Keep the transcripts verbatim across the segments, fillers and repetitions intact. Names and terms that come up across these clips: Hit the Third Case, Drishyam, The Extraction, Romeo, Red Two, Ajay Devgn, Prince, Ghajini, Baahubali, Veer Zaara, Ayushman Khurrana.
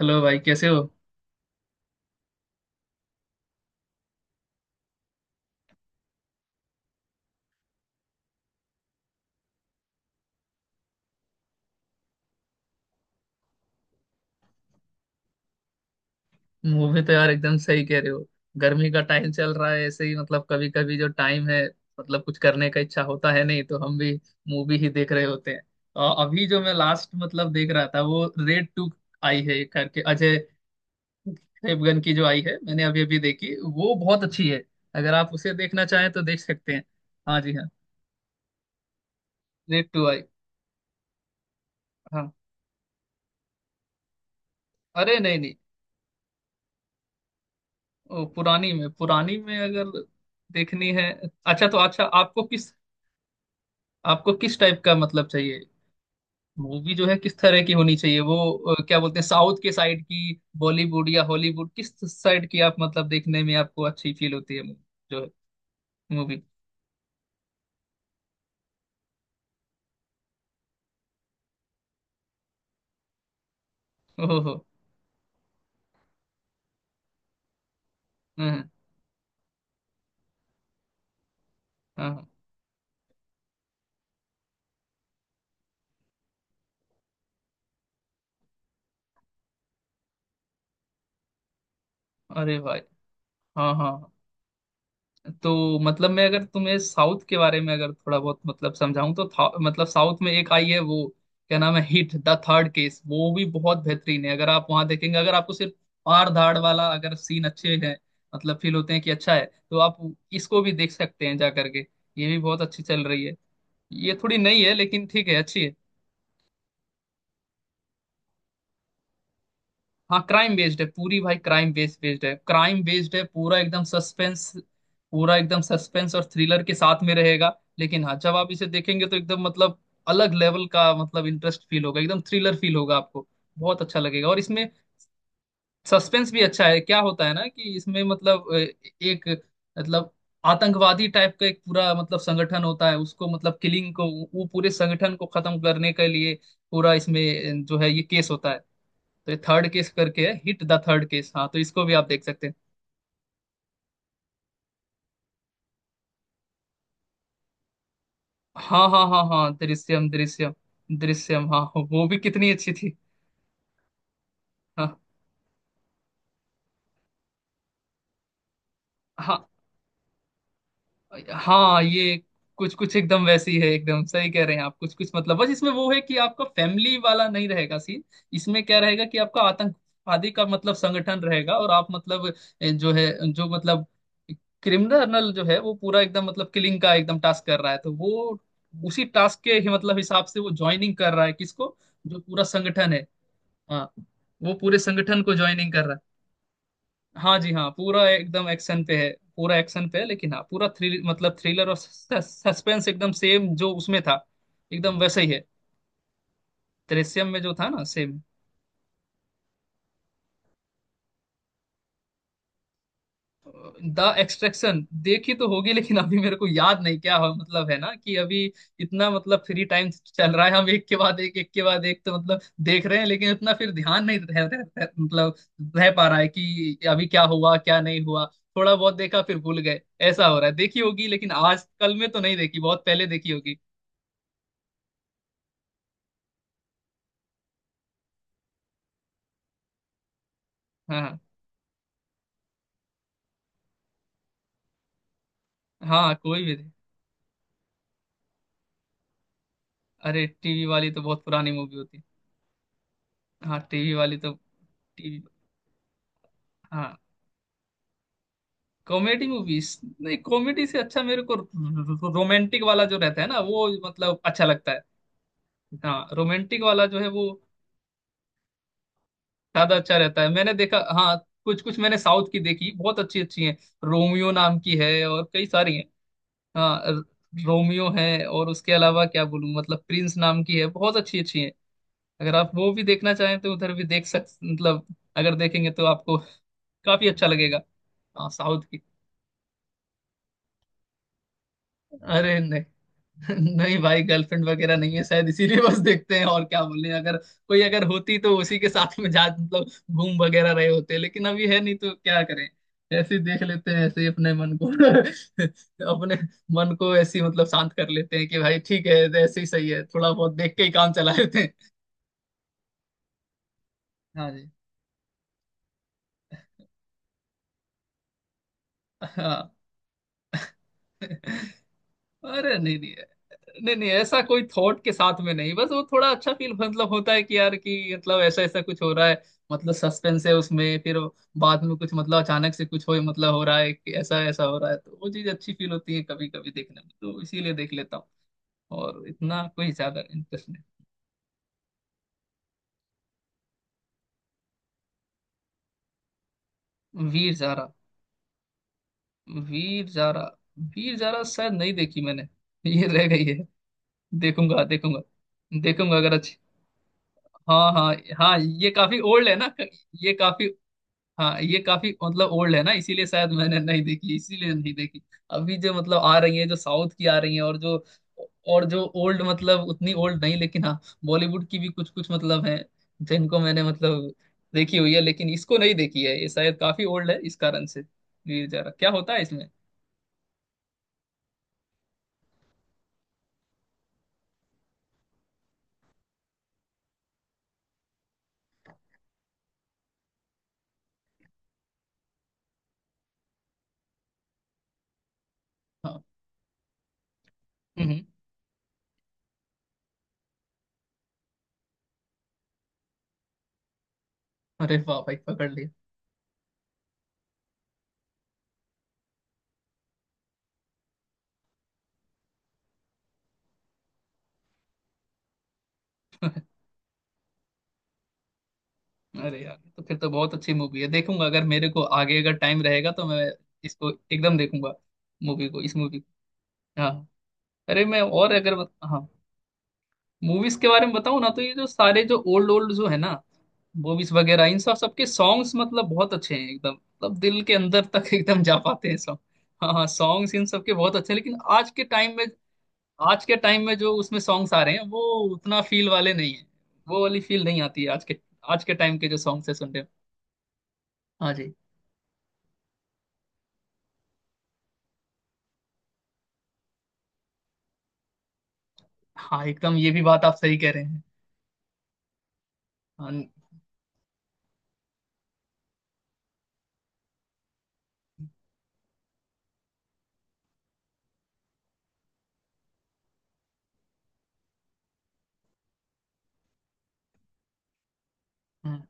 Hello भाई, कैसे हो? मूवी तो यार एकदम सही कह रहे हो। गर्मी का टाइम चल रहा है, ऐसे ही मतलब कभी कभी जो टाइम है मतलब कुछ करने का इच्छा होता है, नहीं तो हम भी मूवी ही देख रहे होते हैं। और अभी जो मैं लास्ट मतलब देख रहा था वो रेड टू आई है करके, अजय देवगन की जो आई है, मैंने अभी अभी देखी, वो बहुत अच्छी है। अगर आप उसे देखना चाहें तो देख सकते हैं। हाँ जी हाँ। रेड टू आई। हाँ। अरे नहीं नहीं। ओ, पुरानी में पुरानी में अगर देखनी है। अच्छा तो अच्छा आपको किस आपको किस टाइप का मतलब चाहिए, मूवी जो है किस तरह की होनी चाहिए वो? अ, क्या बोलते हैं, साउथ के साइड की, बॉलीवुड या हॉलीवुड, किस साइड की आप मतलब देखने में आपको अच्छी फील होती है मू- जो है मूवी? ओहो हो। हाँ हाँ हाँ। अरे भाई। हाँ हाँ हाँ। तो मतलब मैं अगर तुम्हें साउथ के बारे में अगर थोड़ा बहुत मतलब समझाऊं तो था, मतलब साउथ में एक आई है वो, क्या नाम है, हिट द थर्ड केस, वो भी बहुत बेहतरीन है। अगर आप वहां देखेंगे, अगर आपको सिर्फ मार धाड़ वाला अगर सीन अच्छे हैं मतलब फील होते हैं कि अच्छा है, तो आप इसको भी देख सकते हैं जा करके। ये भी बहुत अच्छी चल रही है। ये थोड़ी नई है लेकिन ठीक है, अच्छी है। हाँ क्राइम बेस्ड है पूरी भाई, क्राइम बेस्ड बेस्ड है, क्राइम बेस्ड है, पूरा एकदम सस्पेंस। पूरा एकदम सस्पेंस और थ्रिलर के साथ में रहेगा। लेकिन हाँ, जब आप इसे देखेंगे तो एकदम मतलब अलग लेवल का मतलब इंटरेस्ट फील होगा, एकदम थ्रिलर फील होगा आपको, बहुत अच्छा लगेगा। और इसमें सस्पेंस भी अच्छा है। क्या होता है ना कि इसमें मतलब अ, एक मतलब आतंकवादी टाइप का एक पूरा मतलब संगठन होता है, उसको मतलब किलिंग को, वो पूरे संगठन को खत्म करने के लिए पूरा इसमें जो है ये केस होता है। तो ये थर्ड केस करके है, हिट द थर्ड केस। हाँ तो इसको भी आप देख सकते हैं। हाँ हाँ हाँ हाँ, दृश्यम दृश्यम। दृश्यम, हाँ, वो भी कितनी अच्छी थी। हाँ। हाँ। हाँ ये कुछ कुछ एकदम वैसी है, एकदम सही कह रहे हैं आप। कुछ कुछ मतलब बस इसमें वो है कि आपका फैमिली वाला नहीं रहेगा सीन। इसमें क्या रहेगा कि आपका आतंकवादी का मतलब संगठन रहेगा और आप मतलब ए, जो है जो मतलब क्रिमिनल जो है वो पूरा एकदम मतलब किलिंग का एकदम टास्क कर रहा है, तो वो उसी टास्क के ही मतलब हिसाब से वो ज्वाइनिंग कर रहा है किसको, जो पूरा संगठन है। हाँ, वो पूरे संगठन को ज्वाइनिंग कर रहा है। हाँ जी हाँ, पूरा एकदम एक्शन पे है। पूरा एक्शन पे है लेकिन हाँ, पूरा थ्रिल मतलब थ्रिलर और सस्पेंस एकदम सेम जो उसमें था एकदम वैसे ही है। दृश्यम में जो था ना सेम। द एक्सट्रैक्शन देखी तो होगी लेकिन अभी मेरे को याद नहीं, क्या हो मतलब है ना कि अभी इतना मतलब फ्री टाइम चल रहा है, हम एक के बाद एक, एक के बाद एक, तो मतलब देख रहे हैं, लेकिन इतना फिर ध्यान नहीं रह, रह, रह, मतलब रह पा रहा है कि अभी क्या हुआ क्या नहीं हुआ। थोड़ा बहुत देखा फिर भूल गए, ऐसा हो रहा है। देखी होगी लेकिन आज कल में तो नहीं देखी, बहुत पहले देखी होगी। हाँ। हाँ कोई भी दे। अरे टीवी वाली तो बहुत पुरानी मूवी होती है। हाँ टीवी वाली तो, टीवी। हाँ। कॉमेडी मूवीज नहीं, कॉमेडी से अच्छा मेरे को रोमांटिक वाला जो रहता है ना वो मतलब अच्छा लगता है। हाँ रोमांटिक वाला जो है वो ज्यादा अच्छा रहता है, मैंने देखा। हाँ कुछ कुछ मैंने साउथ की देखी, बहुत अच्छी अच्छी हैं। रोमियो नाम की है और कई सारी हैं। हाँ र- रोमियो है और उसके अलावा क्या बोलूँ मतलब प्रिंस नाम की है, बहुत अच्छी अच्छी है। अगर आप वो भी देखना चाहें तो उधर भी देख सक मतलब, अगर देखेंगे तो आपको काफी अच्छा लगेगा। हाँ साउथ की। अरे नहीं। नहीं भाई, गर्लफ्रेंड वगैरह नहीं है शायद, इसीलिए बस देखते हैं और क्या बोले। अगर कोई अगर होती तो उसी के साथ में जा मतलब घूम वगैरह रहे होते, लेकिन अभी है नहीं तो क्या करें। ऐसे ही देख लेते हैं, ऐसे ही अपने मन को अपने मन को ऐसे ही मतलब शांत कर लेते हैं कि भाई ठीक है, ऐसे ही सही है, थोड़ा बहुत देख के ही काम चला लेते हैं। हाँ जी। हाँ। अरे नहीं नहीं। नहीं नहीं, ऐसा कोई थॉट के साथ में नहीं, बस वो थोड़ा अच्छा फील मतलब होता है कि यार कि मतलब ऐसा ऐसा कुछ हो रहा है, मतलब सस्पेंस है उसमें, फिर बाद में कुछ मतलब अचानक से कुछ हो मतलब हो रहा है कि ऐसा ऐसा हो रहा है, तो वो चीज अच्छी फील होती है कभी कभी देखने में, तो इसीलिए देख लेता हूँ। और इतना कोई ज्यादा इंटरेस्ट नहीं। वीर जारा। वीर जारा। वीर जारा शायद नहीं देखी मैंने। ये रह गई है। देखूंगा देखूंगा। देखूंगा अगर अच्छी। हाँ हाँ। हाँ ये काफी ओल्ड है ना? ये काफी, हाँ ये काफी मतलब ओल्ड है ना इसीलिए शायद मैंने नहीं देखी, इसीलिए नहीं देखी। अभी जो मतलब आ रही है, जो साउथ की आ रही है, और जो और जो ओल्ड मतलब, उतनी ओल्ड नहीं, लेकिन हाँ बॉलीवुड की भी कुछ कुछ मतलब है जिनको मैंने मतलब देखी हुई है, लेकिन इसको नहीं देखी है। ये शायद काफी ओल्ड है इस कारण से। ये जा रहा क्या होता है इसमें? हाँ। हम्म हम्म। अरे वाह भाई, पकड़ लिया। अरे यार, तो फिर तो बहुत अच्छी मूवी है, देखूंगा अगर मेरे को आगे अगर टाइम रहेगा तो मैं इसको एकदम देखूंगा मूवी को, इस मूवी को। हाँ। अरे मैं और अगर बत- हाँ, मूवीज के बारे में बताऊं ना तो ये जो सारे जो ओल्ड ओल्ड जो है ना मूवीज वगैरह इन सब सबके सॉन्ग्स मतलब बहुत अच्छे हैं, एकदम मतलब दिल के अंदर तक एकदम जा पाते हैं सॉन्ग। हाँ हाँ सॉन्ग्स इन सबके बहुत अच्छे हैं लेकिन आज के टाइम में, आज के टाइम में जो उसमें सॉन्ग्स आ रहे हैं वो उतना फील वाले नहीं है, वो वाली फील नहीं आती है आज के, आज के टाइम के जो सॉन्ग्स है सुन रहे हो। हाँ जी हाँ, एकदम ये भी बात आप सही कह रहे हैं। हाँ, हाँ।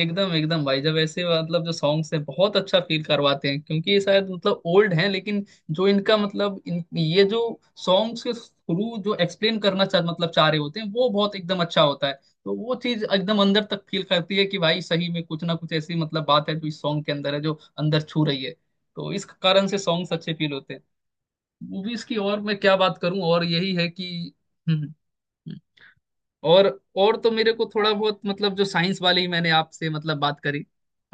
एकदम एकदम भाई, जब ऐसे मतलब जो सॉन्ग्स हैं, बहुत अच्छा फील करवाते हैं, क्योंकि ये शायद मतलब ओल्ड हैं लेकिन जो इनका मतलब इन ये जो सॉन्ग्स के थ्रू जो एक्सप्लेन करना चाह मतलब चाह रहे होते हैं वो बहुत एकदम अच्छा होता है, तो वो चीज एकदम अंदर तक फील करती है कि भाई सही में कुछ ना कुछ ऐसी मतलब बात है जो इस सॉन्ग के अंदर है जो अंदर छू रही है, तो इस कारण से सॉन्ग्स अच्छे फील होते हैं। मूवीज की और मैं क्या बात करूं और यही है कि। हम्म हम्म। और और तो मेरे को थोड़ा बहुत मतलब जो साइंस वाली मैंने आपसे मतलब बात करी।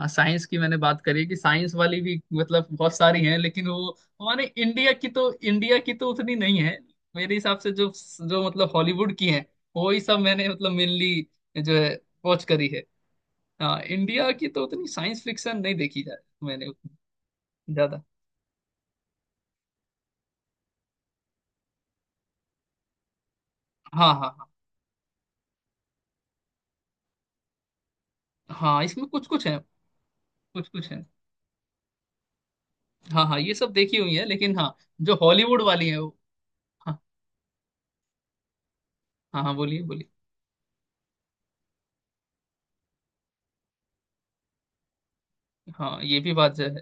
हाँ साइंस की मैंने बात करी कि साइंस वाली भी मतलब बहुत सारी हैं, लेकिन वो हमारे इंडिया की तो, इंडिया की तो उतनी नहीं है मेरे हिसाब से, जो जो मतलब हॉलीवुड की हैं वही सब मैंने मतलब मेनली जो है वॉच करी है। हाँ इंडिया की तो उतनी साइंस फिक्शन नहीं देखी जाए मैंने, उतनी ज्यादा। हाँ हाँ हाँ। हाँ इसमें कुछ कुछ है। कुछ कुछ है। हाँ हाँ ये सब देखी हुई है लेकिन हाँ जो हॉलीवुड वाली है वो। हाँ। हाँ हाँ बोलिए बोलिए। हाँ ये भी बात जो है।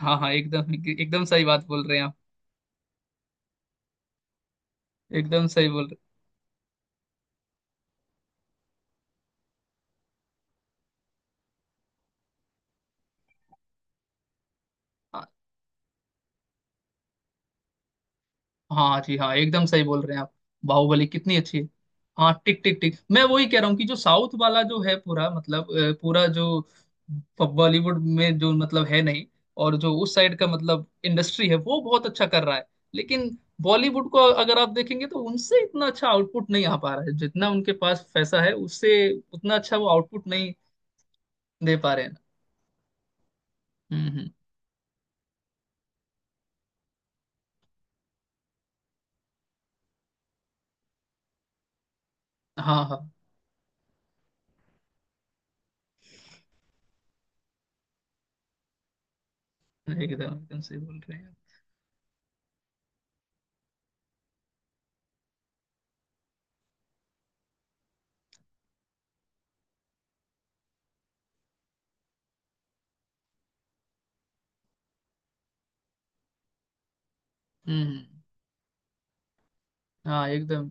हाँ हाँ एकदम, एकदम सही बात बोल रहे हैं आप, एकदम सही बोल रहे हैं। हाँ हाँ जी हाँ, एकदम सही बोल रहे हैं आप। बाहुबली कितनी अच्छी है। हाँ टिक टिक टिक, मैं वही कह रहा हूँ कि जो साउथ वाला जो है पूरा मतलब अ, पूरा जो बॉलीवुड में जो मतलब है नहीं, और जो उस साइड का मतलब इंडस्ट्री है वो बहुत अच्छा कर रहा है, लेकिन बॉलीवुड को अगर आप देखेंगे तो उनसे इतना अच्छा आउटपुट नहीं आ पा रहा है, जितना उनके पास पैसा है उससे उतना अच्छा वो आउटपुट नहीं दे पा रहे हैं। हम्म हम्म। हाँ हाँ एकदम एकदम सही बोल रहे हैं आप। हम्म। हाँ एकदम।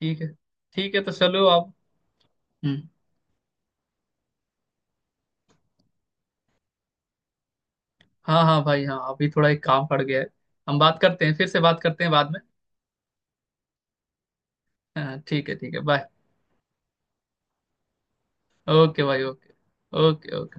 ठीक है ठीक है तो चलो आप। हम्म। हाँ हाँ भाई हाँ, अभी थोड़ा एक काम पड़ गया है। हम बात करते हैं, फिर से बात करते हैं बाद में। हाँ ठीक है ठीक है, बाय। ओके भाई ओके। Okay okay.